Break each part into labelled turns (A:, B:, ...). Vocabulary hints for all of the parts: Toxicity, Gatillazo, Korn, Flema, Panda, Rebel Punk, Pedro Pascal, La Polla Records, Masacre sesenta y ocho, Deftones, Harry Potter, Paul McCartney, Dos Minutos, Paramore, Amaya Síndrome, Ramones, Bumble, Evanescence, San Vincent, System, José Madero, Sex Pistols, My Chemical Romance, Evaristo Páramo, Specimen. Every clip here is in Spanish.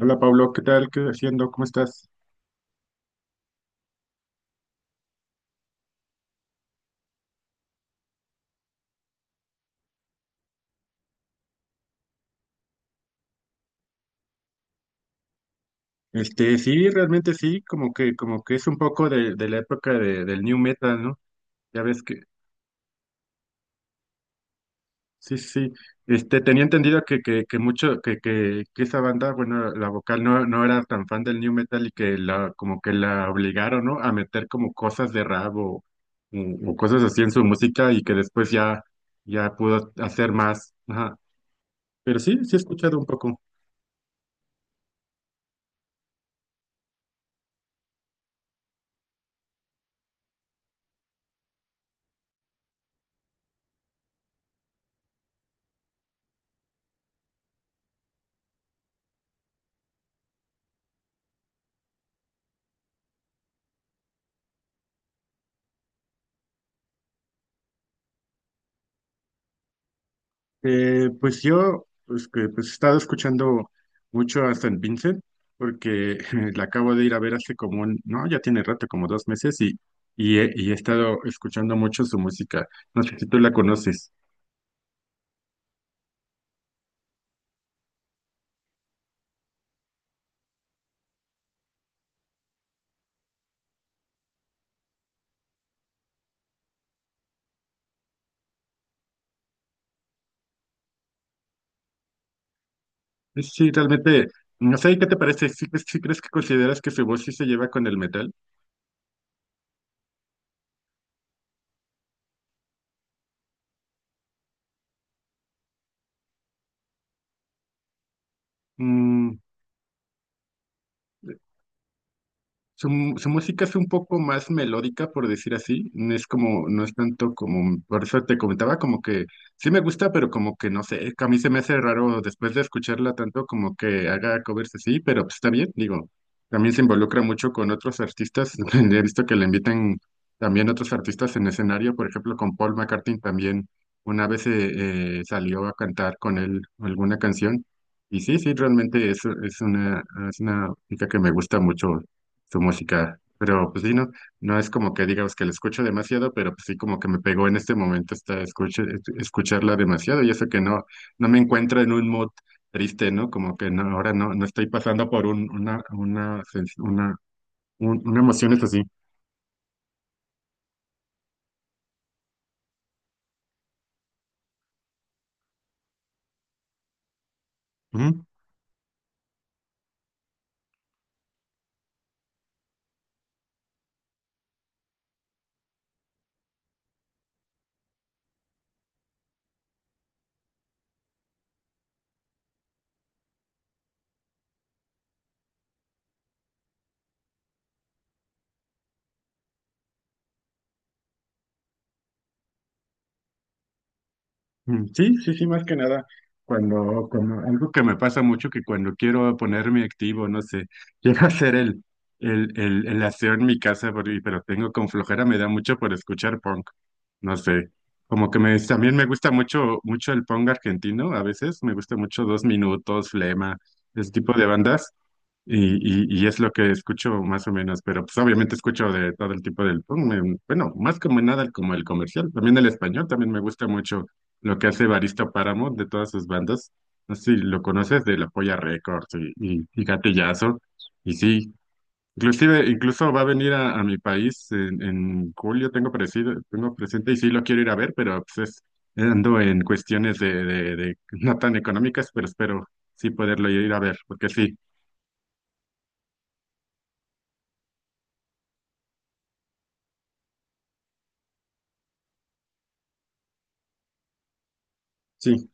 A: Hola Pablo, ¿qué tal? ¿Qué haciendo? ¿Cómo estás? Este, sí, realmente sí, como que es un poco de la época del new metal, ¿no? Ya ves que, sí, sí, sí. Este, tenía entendido que mucho, que esa banda, bueno, la vocal no, no era tan fan del new metal y que la, como que la obligaron, ¿no? A meter como cosas de rap o cosas así en su música y que después ya, ya pudo hacer más. Ajá. Pero sí, sí he escuchado un poco. Pues yo pues, que, pues, he estado escuchando mucho a San Vincent porque la acabo de ir a ver hace como un, no, ya tiene rato, como 2 meses y he estado escuchando mucho su música. No sé si tú la conoces. Sí, realmente, no sé, ¿qué te parece? ¿Sí, crees que consideras que su voz sí se lleva con el metal? Mm. Su música es un poco más melódica, por decir así. No es como, no es tanto como, por eso te comentaba, como que sí me gusta, pero como que no sé, a mí se me hace raro después de escucharla tanto como que haga covers así, pero pues está bien, digo, también se involucra mucho con otros artistas. He visto que le invitan también otros artistas en escenario, por ejemplo, con Paul McCartney también una vez salió a cantar con él alguna canción. Y sí, sí, realmente es, es una música que me gusta mucho su música. Pero pues sí, no, no es como que digamos que la escucho demasiado, pero pues sí como que me pegó en este momento esta escucharla demasiado y eso que no, no me encuentro en un mood triste, ¿no? Como que no, ahora no, no estoy pasando por un, una, sens- una, un- una emoción es así. Mm. Sí, sí, sí, más que nada, algo que me pasa mucho que cuando quiero ponerme activo, no sé, quiero hacer el aseo en mi casa, pero, y- pero tengo con flojera, me da mucho por escuchar punk, no sé, como que me, también me gusta mucho, mucho el punk argentino, a veces me gusta mucho Dos Minutos, Flema, ese tipo de bandas, y es lo que escucho más o menos, pero pues obviamente escucho de todo el tipo del punk, em, bueno, más como nada como el comercial, también el español, también me gusta mucho lo que hace Evaristo Páramo de todas sus bandas, no sé si lo conoces de La Polla Records y, y Gatillazo, y sí, incluso va a venir a mi país en julio, tengo parecido, tengo presente y sí lo quiero ir a ver, pero pues es, ando en cuestiones de no tan económicas, pero espero sí poderlo ir a ver, porque sí, sí.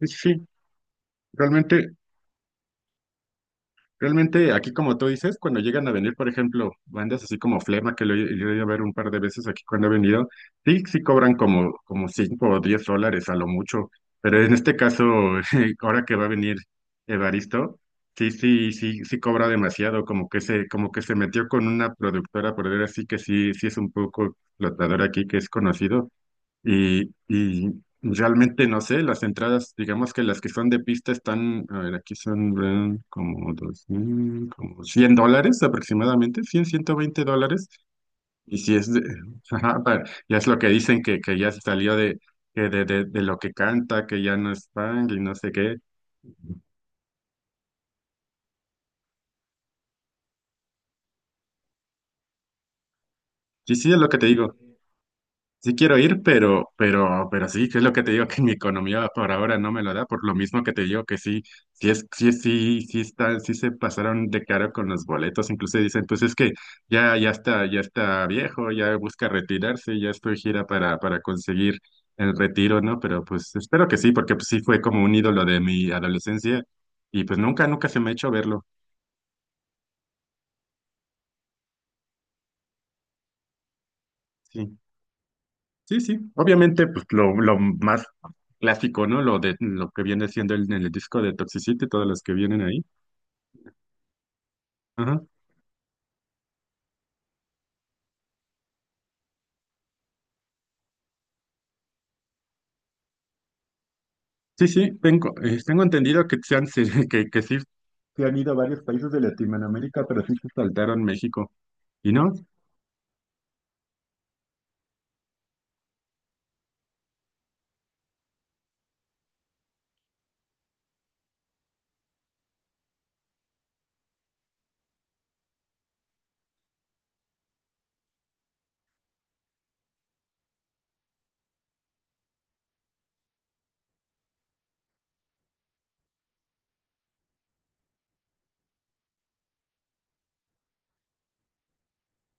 A: Sí, sí, Realmente, realmente aquí como tú dices, cuando llegan a venir, por ejemplo, bandas así como Flema, que lo he ido a ver un par de veces aquí cuando he venido, sí, sí cobran como, 5 o 10 dólares a lo mucho, pero en este caso, ahora que va a venir Evaristo, sí, sí, sí, sí cobra demasiado, como que se metió con una productora, por decir así, que sí, sí es un poco explotadora aquí, que es conocido, y realmente no sé, las entradas, digamos que las que son de pista están, a ver, aquí son como 2000, como 100 dólares aproximadamente, cien 120 dólares. Y si es de, ajá, ya es lo que dicen que ya se salió de, que de lo que canta, que ya no es punk y no sé qué. Y sí, es lo que te digo. Sí quiero ir, pero sí, que es lo que te digo que mi economía por ahora no me lo da, por lo mismo que te digo que sí, sí es, sí, sí, sí está, sí se pasaron de caro con los boletos, incluso dicen, pues es que ya, ya está viejo, ya busca retirarse, ya estoy gira para conseguir el retiro, ¿no? Pero pues espero que sí, porque pues sí fue como un ídolo de mi adolescencia y pues nunca, nunca se me ha hecho verlo. Sí. Sí, sí, obviamente, pues lo más clásico, ¿no? Lo de lo que viene siendo el disco de Toxicity, todas las que vienen ahí. Ajá. Sí, sí, tengo entendido que se han, que sí se han ido a varios países de Latinoamérica, pero sí se saltaron México. Y no,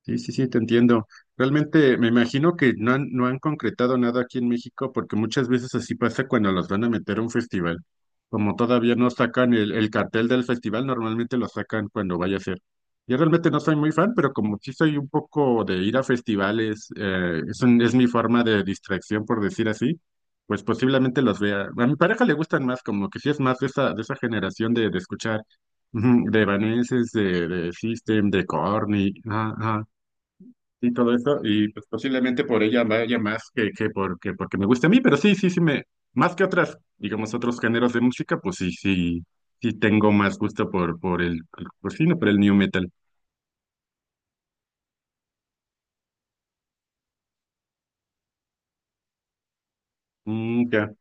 A: sí, sí, sí, te entiendo. Realmente me imagino que no han concretado nada aquí en México porque muchas veces así pasa cuando los van a meter a un festival. Como todavía no sacan el cartel del festival, normalmente lo sacan cuando vaya a ser. Yo realmente no soy muy fan, pero como sí soy un poco de ir a festivales, es mi forma de distracción, por decir así, pues posiblemente los vea. A mi pareja le gustan más, como que sí es más de esa generación de escuchar, ujú, de Evanescence, de System, de Korn, ajá, ajá. Y todo eso, y pues posiblemente por ella vaya más que, porque me guste a mí, pero sí, sí, sí, me, más que otras, digamos, otros géneros de música, pues sí, sí, sí tengo más gusto por, sí, no, por el new metal. Mm, ya.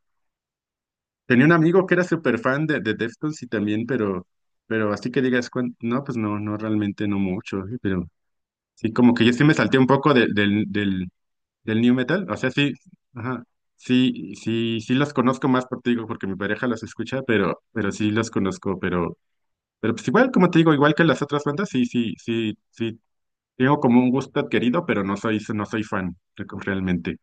A: Tenía un amigo que era súper fan de Deftones y también, pero así que digas, no, pues no, no, realmente no mucho, pero sí, como que yo sí me salté un poco del new metal, o sea, sí, ajá, sí, sí, sí los conozco más por ti, digo, porque mi pareja los escucha, pero sí los conozco, pero pues igual, como te digo, igual que las otras bandas, sí, sí, sí, sí, tengo como un gusto adquirido, pero no soy, no soy fan realmente.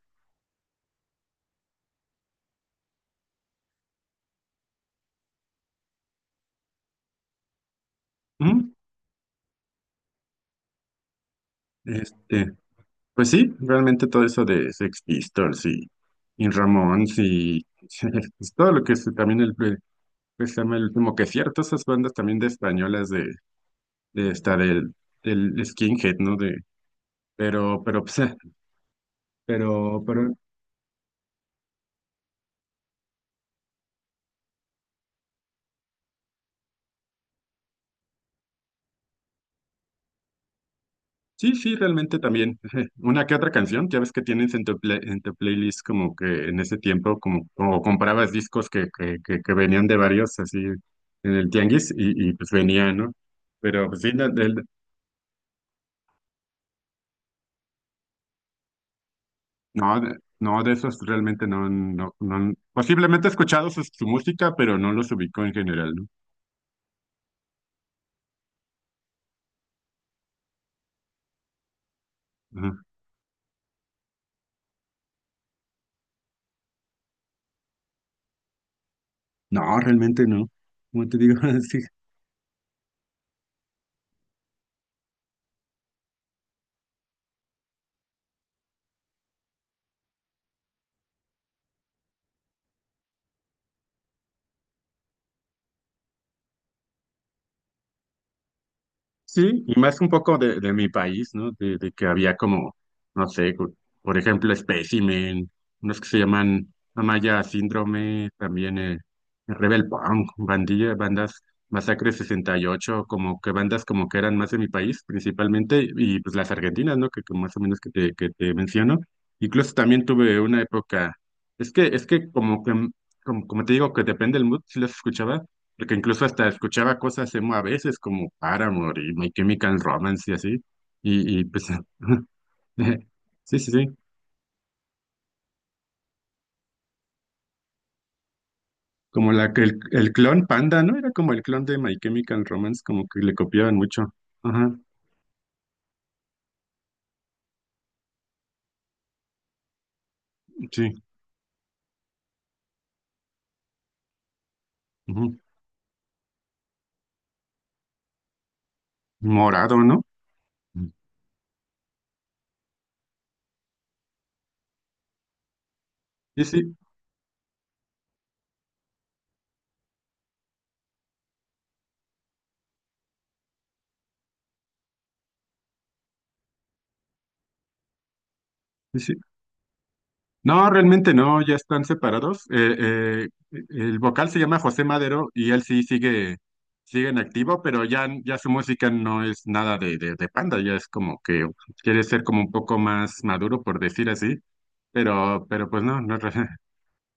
A: Ujú. Este, pues sí, realmente todo eso de Sex Pistols y Ramones y pues todo lo que es también el, pues, se llama el último que cierto, esas bandas también de españolas de esta del Skinhead, ¿no? De, pero, pues, pero, sí, sí, realmente también. Una que otra canción, ya ves que tienes en en tu playlist como que en ese tiempo, como comprabas discos que venían de varios, así, en el tianguis, y pues venía, ¿no? Pero, pues sí, no, no, de, no, de esos realmente no, no, no, posiblemente he escuchado su, su música, pero no los ubico en general, ¿no? Ajá. No, realmente no. Como te digo, sí, sí, y más un poco de mi país, ¿no? De que había como, no sé, por ejemplo, Specimen, unos que se llaman Amaya Síndrome, también Rebel Punk, bandilla, bandas Masacre 68 como que bandas como que eran más de mi país principalmente, y pues las argentinas, ¿no? Que más o menos que te menciono. Incluso también tuve una época, es que como que, como te digo, que depende del mood, si las escuchaba, porque incluso hasta escuchaba cosas emo a veces como Paramore y My Chemical Romance y así. Y pues, sí, sí, sí. Como la, el clon Panda, ¿no? Era como el clon de My Chemical Romance, como que le copiaban mucho. Ajá, sí. Ujú. Morado, ¿no? Sí, sí, sí, sí. No, realmente no, ya están separados. El vocal se llama José Madero y él sí sigue, sigue en activo, pero ya, ya su música no es nada de Panda, ya es como que quiere ser como un poco más maduro, por decir así, pero pues no, no,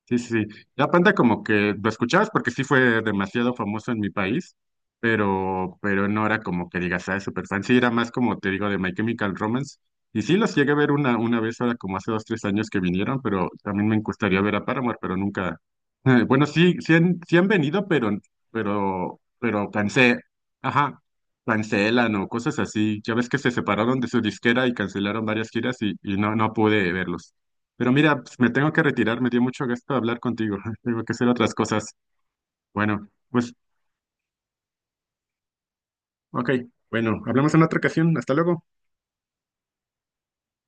A: sí, sí, sí. Ya aparte como que lo escuchabas porque sí fue demasiado famoso en mi país, pero no era como que digas, ah, es súper fan, sí, era más como te digo de My Chemical Romance, y sí los llegué a ver una vez ahora como hace dos, tres años que vinieron, pero también me gustaría ver a Paramore, pero nunca, bueno, sí, sí han venido, pero cansé, ajá, cancelan o cosas así, ya ves que se separaron de su disquera y cancelaron varias giras y no, no pude verlos. Pero mira, pues, me tengo que retirar, me dio mucho gusto hablar contigo. Tengo que hacer otras cosas. Bueno, pues, ok. Bueno, hablamos en otra ocasión. Hasta luego.